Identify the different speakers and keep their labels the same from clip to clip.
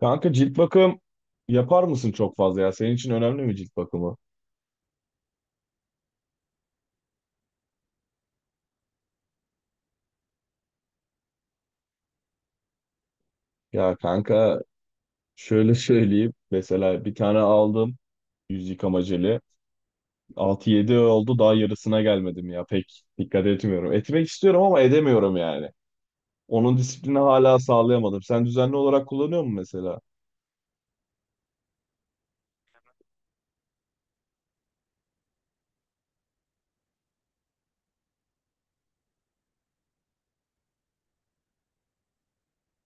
Speaker 1: Kanka cilt bakım yapar mısın çok fazla ya? Senin için önemli mi cilt bakımı? Ya kanka şöyle söyleyeyim. Mesela bir tane aldım yüz yıkama jeli. 6-7 oldu daha yarısına gelmedim ya. Pek dikkat etmiyorum. Etmek istiyorum ama edemiyorum yani. Onun disiplini hala sağlayamadım. Sen düzenli olarak kullanıyor musun mesela?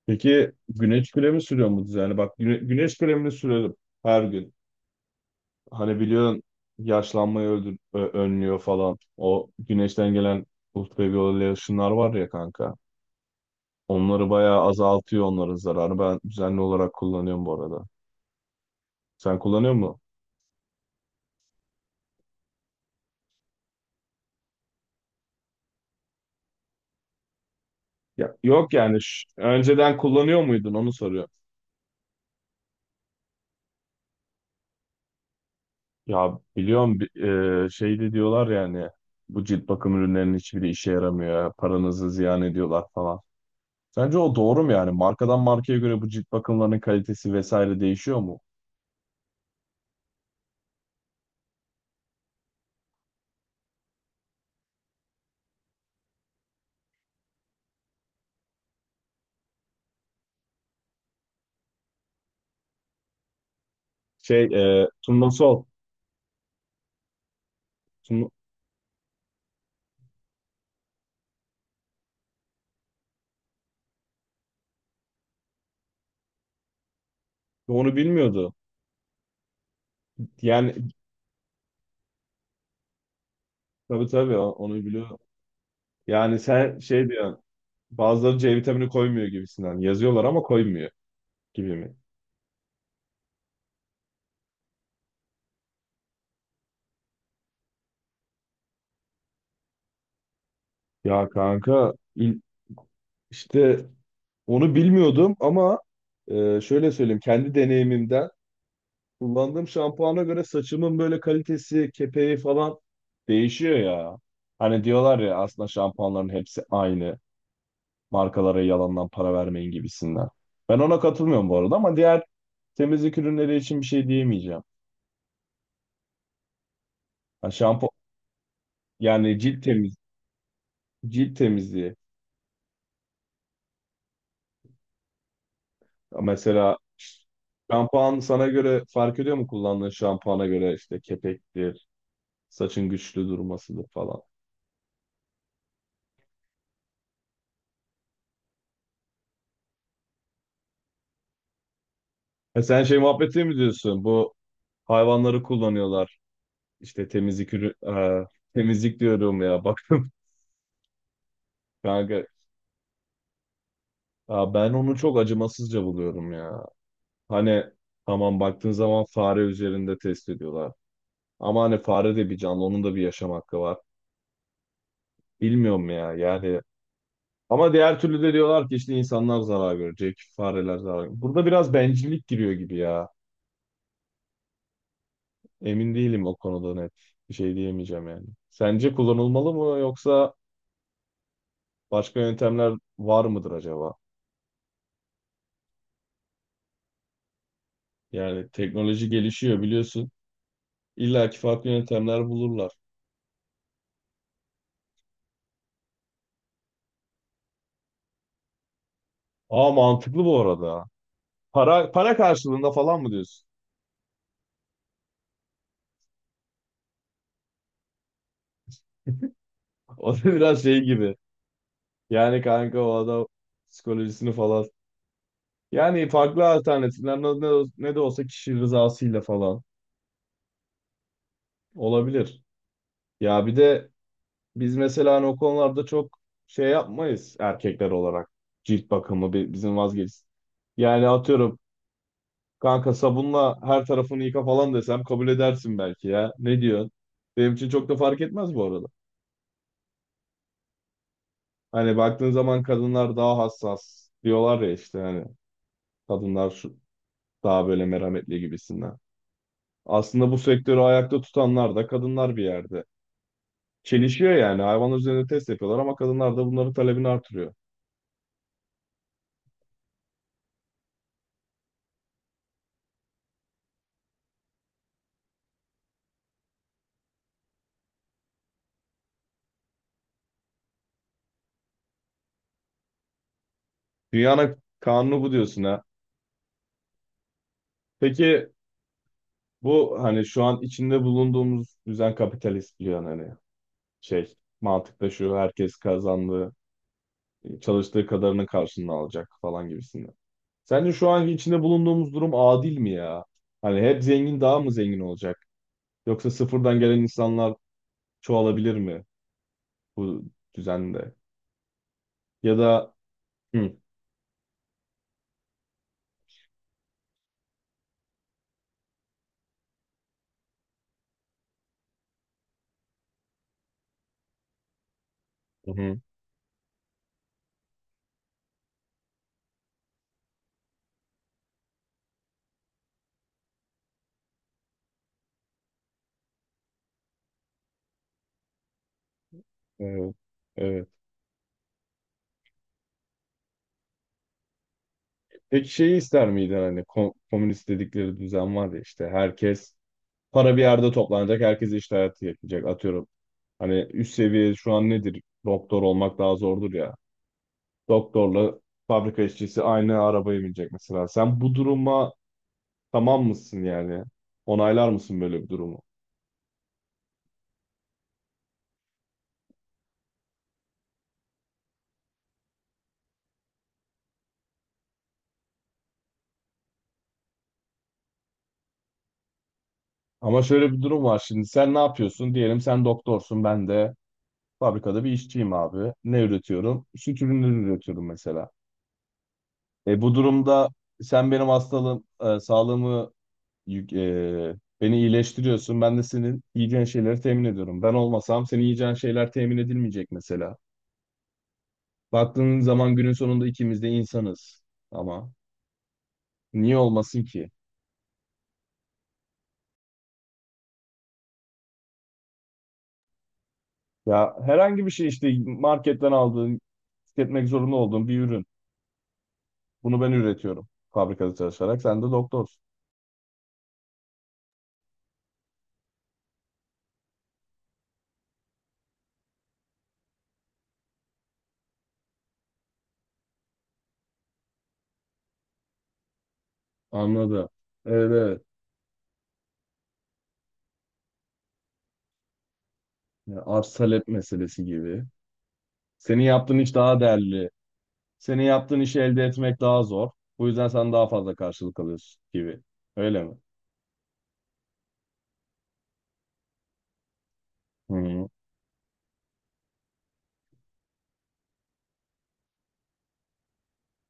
Speaker 1: Peki güneş kremi sürüyor mu düzenli? Bak güneş kremini sürerim her gün. Hani biliyorsun yaşlanmayı önlüyor falan. O güneşten gelen ultraviyole ışınlar var ya kanka. Onları bayağı azaltıyor onların zararı. Ben düzenli olarak kullanıyorum bu arada. Sen kullanıyor musun? Ya, yok yani önceden kullanıyor muydun onu soruyor. Ya biliyorum şey de diyorlar yani bu cilt bakım ürünlerinin hiçbiri işe yaramıyor. Paranızı ziyan ediyorlar falan. Sence o doğru mu yani? Markadan markaya göre bu cilt bakımlarının kalitesi vesaire değişiyor mu? Şey, Turnusol. Bunu- Onu bilmiyordu. Yani tabii tabii onu biliyor. Yani sen şey diyorsun. Bazıları C vitamini koymuyor gibisinden. Yazıyorlar ama koymuyor gibi mi? Ya kanka işte onu bilmiyordum ama şöyle söyleyeyim kendi deneyimimden kullandığım şampuana göre saçımın böyle kalitesi, kepeği falan değişiyor ya. Hani diyorlar ya aslında şampuanların hepsi aynı. Markalara yalandan para vermeyin gibisinden. Ben ona katılmıyorum bu arada ama diğer temizlik ürünleri için bir şey diyemeyeceğim. Ha, yani cilt temizliği. Mesela şampuan sana göre fark ediyor mu kullandığın şampuana göre işte kepektir, saçın güçlü durmasıdır falan. E, sen şey muhabbeti mi diyorsun? Bu hayvanları kullanıyorlar. İşte e, temizlik diyorum ya bakın kanka. Ya ben onu çok acımasızca buluyorum ya. Hani tamam baktığın zaman fare üzerinde test ediyorlar. Ama hani fare de bir canlı, onun da bir yaşam hakkı var. Bilmiyorum ya yani. Ama diğer türlü de diyorlar ki işte insanlar zarar görecek, fareler zarar görecek. Burada biraz bencillik giriyor gibi ya. Emin değilim o konuda net. Bir şey diyemeyeceğim yani. Sence kullanılmalı mı yoksa başka yöntemler var mıdır acaba? Yani teknoloji gelişiyor biliyorsun. İlla ki farklı yöntemler bulurlar. Aa, mantıklı bu arada. Para karşılığında falan mı diyorsun? O da biraz şey gibi. Yani kanka o adam psikolojisini falan. Yani farklı alternatifler ne de olsa kişi rızasıyla falan olabilir. Ya bir de biz mesela hani o konularda çok şey yapmayız erkekler olarak. Cilt bakımı bizim vazgeç. Yani atıyorum kanka sabunla her tarafını yıka falan desem kabul edersin belki ya. Ne diyorsun? Benim için çok da fark etmez bu arada. Hani baktığın zaman kadınlar daha hassas diyorlar ya işte hani kadınlar şu, daha böyle merhametli gibisinden. Aslında bu sektörü ayakta tutanlar da kadınlar bir yerde. Çelişiyor yani. Hayvanlar üzerinde test yapıyorlar ama kadınlar da bunların talebini artırıyor. Dünyanın kanunu bu diyorsun ha. Peki bu hani şu an içinde bulunduğumuz düzen kapitalist biliyorsun hani şey mantıkta şu herkes kazandığı çalıştığı kadarının karşılığını alacak falan gibisinden. Sence şu anki içinde bulunduğumuz durum adil mi ya? Hani hep zengin daha mı zengin olacak? Yoksa sıfırdan gelen insanlar çoğalabilir mi bu düzende? Ya da hı, hı, hı, evet, evet. Peki şeyi ister miydin hani komünist dedikleri düzen var ya işte herkes para bir yerde toplanacak, herkes iş hayatı yapacak atıyorum. Hani üst seviye şu an nedir? Doktor olmak daha zordur ya. Doktorla fabrika işçisi aynı arabaya binecek mesela. Sen bu duruma tamam mısın yani? Onaylar mısın böyle bir durumu? Ama şöyle bir durum var, şimdi sen ne yapıyorsun? Diyelim sen doktorsun, ben de fabrikada bir işçiyim abi. Ne üretiyorum? Süt ürünleri üretiyorum mesela. E, bu durumda sen benim hastalığım, sağlığımı, beni iyileştiriyorsun. Ben de senin yiyeceğin şeyleri temin ediyorum. Ben olmasam senin yiyeceğin şeyler temin edilmeyecek mesela. Baktığın zaman günün sonunda ikimiz de insanız. Ama niye olmasın ki? Ya herhangi bir şey işte marketten aldığın, tüketmek zorunda olduğun bir ürün. Bunu ben üretiyorum fabrikada çalışarak. Sen de doktorsun. Anladım. Evet. Evet. Ya, arz talep meselesi gibi. Senin yaptığın iş daha değerli. Senin yaptığın işi elde etmek daha zor. Bu yüzden sen daha fazla karşılık alıyorsun gibi. Öyle mi? Hı.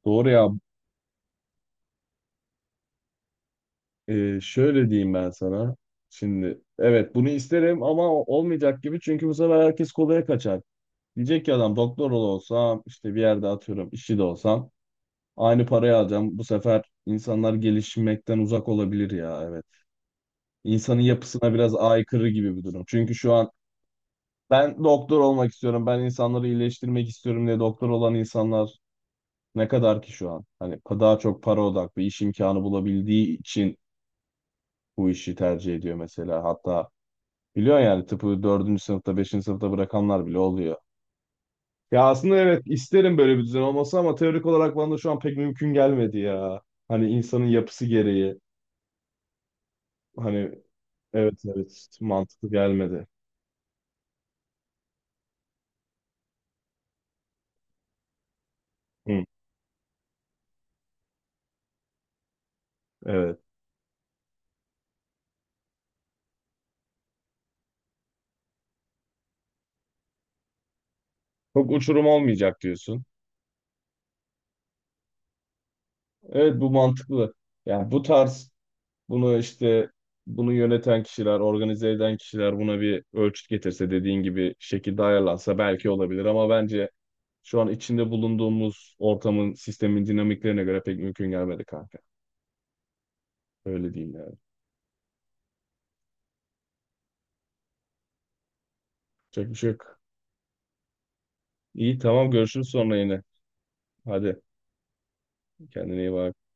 Speaker 1: Doğru ya. Şöyle diyeyim ben sana. Şimdi evet bunu isterim ama olmayacak gibi, çünkü bu sefer herkes kolaya kaçar. Diyecek ki adam doktor olsam işte bir yerde atıyorum işçi de olsam aynı parayı alacağım. Bu sefer insanlar gelişmekten uzak olabilir ya, evet. İnsanın yapısına biraz aykırı gibi bir durum. Çünkü şu an ben doktor olmak istiyorum, ben insanları iyileştirmek istiyorum diye doktor olan insanlar. Ne kadar ki şu an? Hani daha çok para odaklı iş imkanı bulabildiği için bu işi tercih ediyor mesela. Hatta biliyorsun yani tıpı dördüncü sınıfta, beşinci sınıfta bırakanlar bile oluyor. Ya aslında evet isterim böyle bir düzen olması ama teorik olarak bana da şu an pek mümkün gelmedi ya. Hani insanın yapısı gereği. Hani evet, evet, mantıklı gelmedi. Hı, evet. Çok uçurum olmayacak diyorsun. Evet, bu mantıklı. Yani bu tarz bunu işte bunu yöneten kişiler, organize eden kişiler buna bir ölçüt getirse dediğin gibi şekilde ayarlansa belki olabilir ama bence şu an içinde bulunduğumuz ortamın, sistemin dinamiklerine göre pek mümkün gelmedi kanka. Öyle diyeyim yani. Çok bir şey yok. İyi, tamam, görüşürüz sonra yine. Hadi kendine iyi bak.